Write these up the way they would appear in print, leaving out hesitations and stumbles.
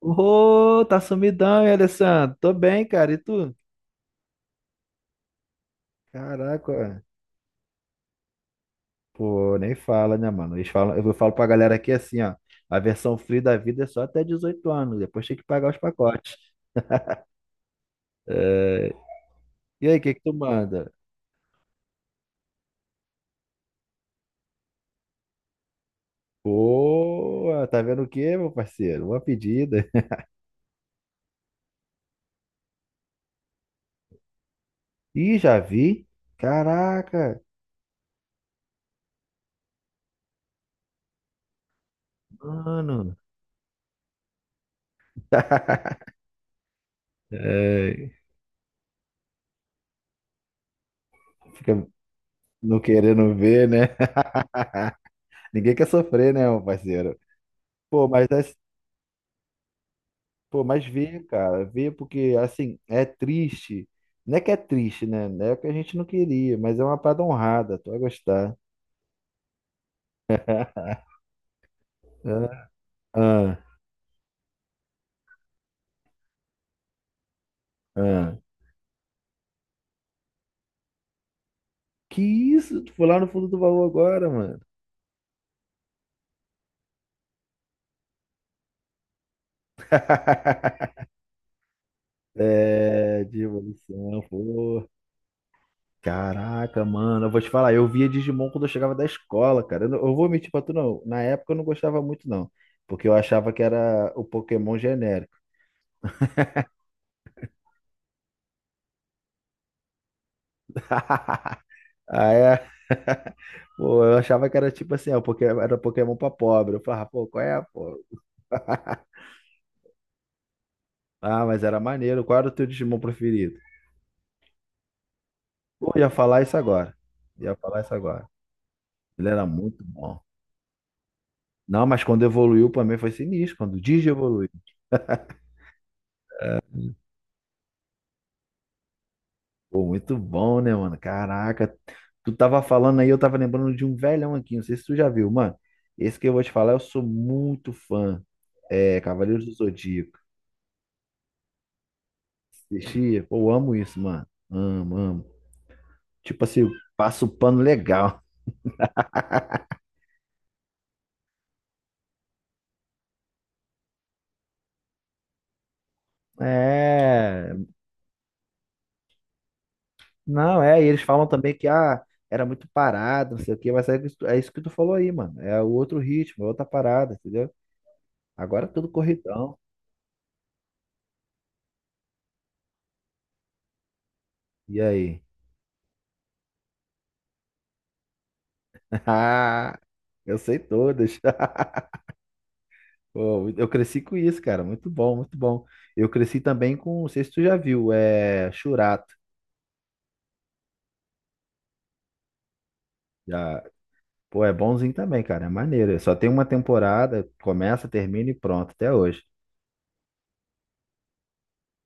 Ô, tá sumidão, hein, Alessandro? Tô bem, cara. E tu? Caraca, pô, nem fala, né, mano? Eles falam, eu falo pra galera aqui assim, ó. A versão free da vida é só até 18 anos. Depois tem que pagar os pacotes. É. E aí, o que que tu manda? Pô, tá vendo o quê, meu parceiro? Uma pedida. Ih, já vi? Caraca, mano. É, fica não querendo ver, né? Ninguém quer sofrer, né, meu parceiro? Pô, mas é Pô, mas vê, cara, vê porque assim, é triste. Não é que é triste, né? Não, é o que a gente não queria, mas é uma parada honrada, tu vai gostar. Ah, ah, ah. Que isso? Tu foi lá no fundo do baú agora, mano. É, devolução, pô. Caraca, mano, eu vou te falar, eu via Digimon quando eu chegava da escola, cara. Eu, não- Eu vou mentir pra tu, não. Na época eu não gostava muito, não. Porque eu achava que era o Pokémon genérico. Ah, é? Pô, eu achava que era tipo assim, ó, porque era Pokémon pra pobre. Eu falava, pô, qual é, pô? Ah, mas era maneiro. Qual era o teu Digimon preferido? Pô, ia falar isso agora. Ia falar isso agora. Ele era muito bom. Não, mas quando evoluiu pra mim foi sinistro. Quando o Digi evoluiu. Pô, muito bom, né, mano? Caraca. Tu tava falando aí, eu tava lembrando de um velhão aqui. Não sei se tu já viu, mano. Esse que eu vou te falar, eu sou muito fã. É, Cavaleiros do Zodíaco. Assistia. Pô, eu amo isso, mano. Amo, amo. Tipo assim, passa o pano legal. É, não, é, e eles falam também que era muito parado, não sei o quê, mas é isso que tu falou aí, mano. É o outro ritmo, é outra parada, entendeu? Agora é tudo corridão. E aí? Ah, eu sei todas. Pô, eu cresci com isso, cara. Muito bom, muito bom. Eu cresci também com, não sei se tu já viu, é Churato. Já, pô, é bonzinho também, cara. É maneiro. Só tem uma temporada, começa, termina e pronto, até hoje.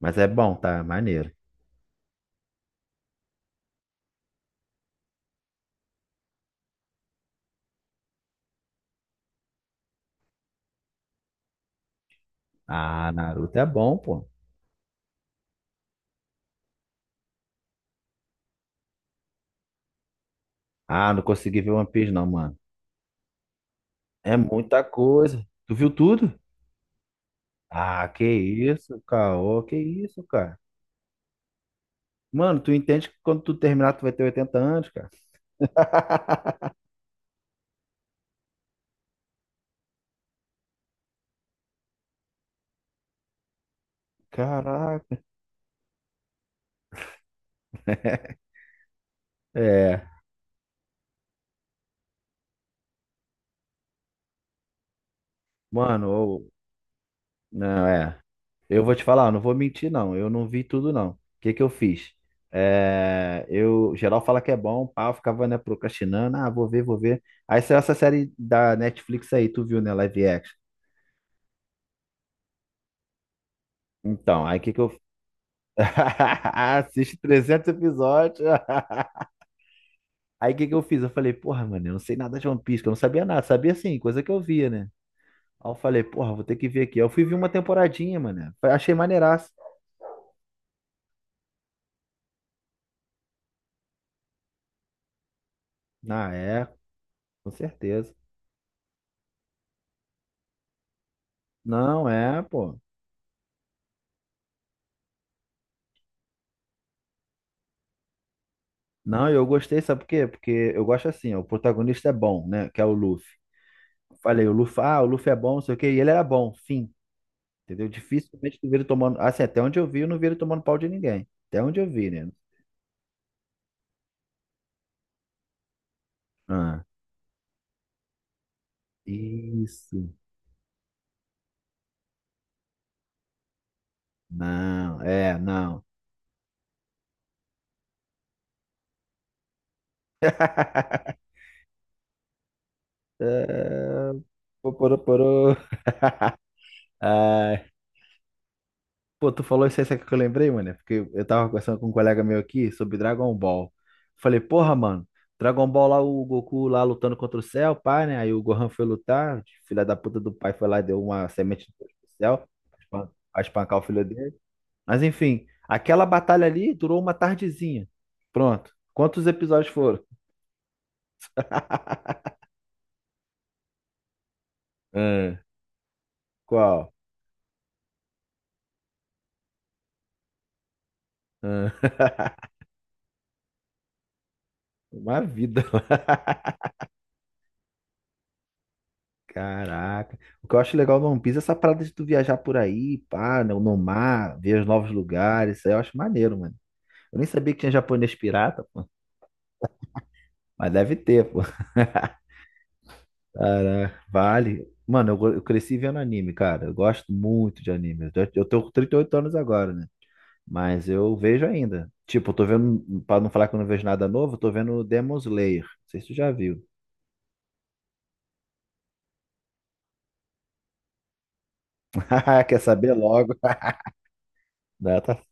Mas é bom, tá? É maneiro. Ah, Naruto é bom, pô. Ah, não consegui ver One Piece não, mano. É muita coisa. Tu viu tudo? Ah, que isso, caô, que isso, cara. Mano, tu entende que quando tu terminar tu vai ter 80 anos, cara? Caraca. É, mano, não é. Eu vou te falar, não vou mentir não, eu não vi tudo não. O que que eu fiz? É, eu geral fala que é bom, pá, eu ficava né, procrastinando, ah, vou ver, vou ver. Aí saiu essa série da Netflix aí, tu viu, né, live action. Então, aí o que que eu Assiste 300 episódios. Aí o que que eu fiz? Eu falei, porra, mano, eu não sei nada de One Piece, que eu não sabia nada. Sabia sim, coisa que eu via, né? Aí eu falei, porra, vou ter que ver aqui. Aí eu fui ver uma temporadinha, mano. Achei maneiraço. Ah, é, com certeza. Não, é, pô. Não, eu gostei, sabe por quê? Porque eu gosto assim, ó, o protagonista é bom, né? Que é o Luffy. Falei, o Luffy é bom, não sei o quê. E ele era bom, fim. Entendeu? Dificilmente tu vê ele tomando. Assim, até onde eu vi, eu não vi ele tomando pau de ninguém. Até onde eu vi, né? Ah, isso. Não, é, não. É, pô, porô, ai, pô, tu falou isso aí, sabe o que eu lembrei, mano? É, porque eu tava conversando com um colega meu aqui sobre Dragon Ball. Falei, porra, mano, Dragon Ball lá, o Goku lá lutando contra o céu, pai, né? Aí o Gohan foi lutar, filha da puta do pai foi lá e deu uma semente do céu pra espancar o filho dele. Mas enfim, aquela batalha ali durou uma tardezinha. Pronto. Quantos episódios foram? Ah, qual? Ah, uma vida. Caraca. O que eu acho legal no One Piece é essa parada de tu viajar por aí, pá, no mar, ver os novos lugares. Isso aí eu acho maneiro, mano. Eu nem sabia que tinha japonês pirata, pô. Mas deve ter, pô. Caraca, vale. Mano, eu cresci vendo anime, cara. Eu gosto muito de anime. Eu tô com 38 anos agora, né? Mas eu vejo ainda. Tipo, eu tô vendo, pra não falar que eu não vejo nada novo, eu tô vendo Demon Slayer. Não sei se tu já viu. Quer saber logo? Dá, tá.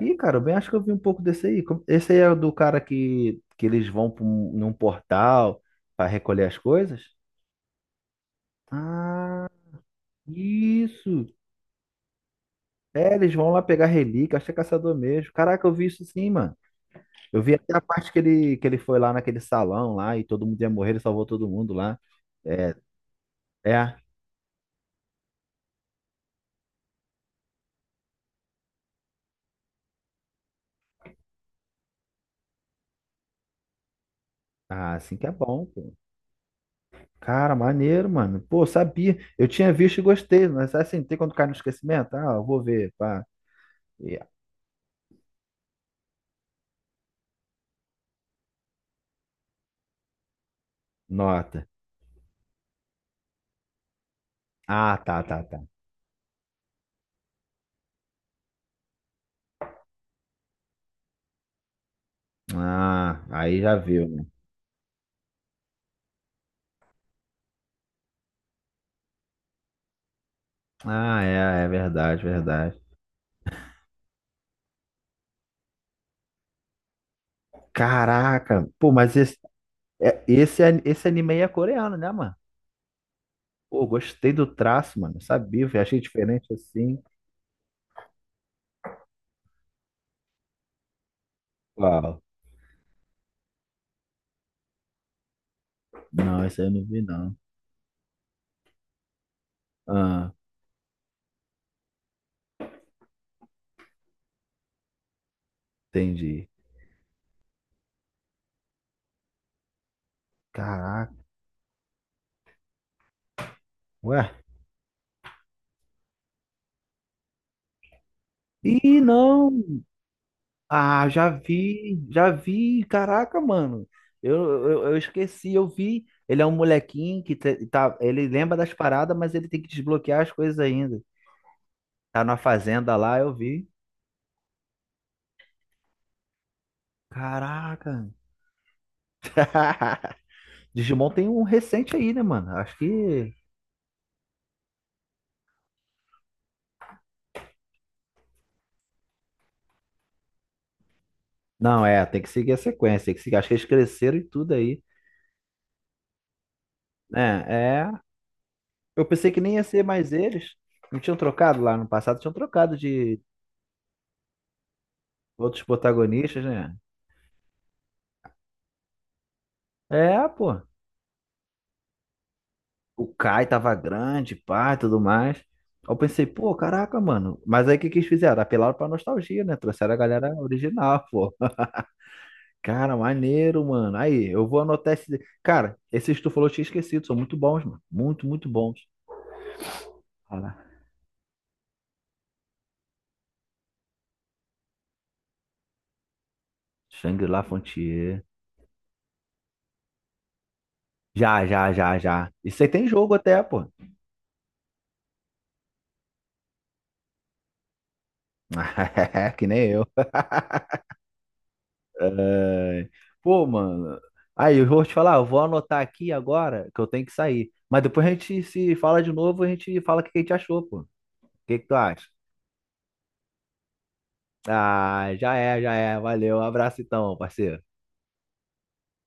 Ih, cara, eu bem acho que eu vi um pouco desse aí. Esse aí é o do cara que, eles vão pra num portal para recolher as coisas? Ah, isso! É, eles vão lá pegar relíquia, acho que é caçador mesmo. Caraca, eu vi isso sim, mano. Eu vi até a parte que ele, foi lá naquele salão lá e todo mundo ia morrer, ele salvou todo mundo lá. É, é. Ah, assim que é bom, pô. Cara, maneiro, mano. Pô, sabia. Eu tinha visto e gostei, mas assim, tem quando cai no esquecimento? Ah, eu vou ver, pá. E- Nota. Ah, tá, tá, tá. Ah, aí já viu, né? Ah, é, é verdade, verdade. Caraca, pô, mas esse anime aí é coreano, né, mano? Pô, gostei do traço, mano. Sabia, eu achei diferente assim. Uau. Não, esse aí eu não vi, não. Ah, entendi. Caraca, ué. Ih, não! Ah, já vi, já vi. Caraca, mano. Eu, eu esqueci, eu vi. Ele é um molequinho que tá, ele lembra das paradas, mas ele tem que desbloquear as coisas ainda. Tá na fazenda lá, eu vi. Caraca. Digimon tem um recente aí, né, mano? Acho que. Não, é, tem que seguir a sequência, tem que seguir. Acho que eles cresceram e tudo aí. É, é. Eu pensei que nem ia ser mais eles. Não tinham trocado lá no passado, tinham trocado de outros protagonistas, né? É, pô. O Kai tava grande, pá, e tudo mais. Eu pensei, pô, caraca, mano. Mas aí o que que eles fizeram? Apelaram pra nostalgia, né? Trouxeram a galera original, pô. Cara, maneiro, mano. Aí, eu vou anotar esse. Cara, esses que tu falou eu tinha esquecido, são muito bons, mano. Muito, muito bons. Olha lá. Shangri-La Frontier. Já, já, já, já. Isso aí tem jogo até, pô. Que nem eu. É, pô, mano. Aí, eu vou te falar, eu vou anotar aqui agora que eu tenho que sair. Mas depois a gente se fala de novo, a gente fala o que a gente achou, pô. O que que tu acha? Ah, já é, já é. Valeu. Um abraço então, parceiro.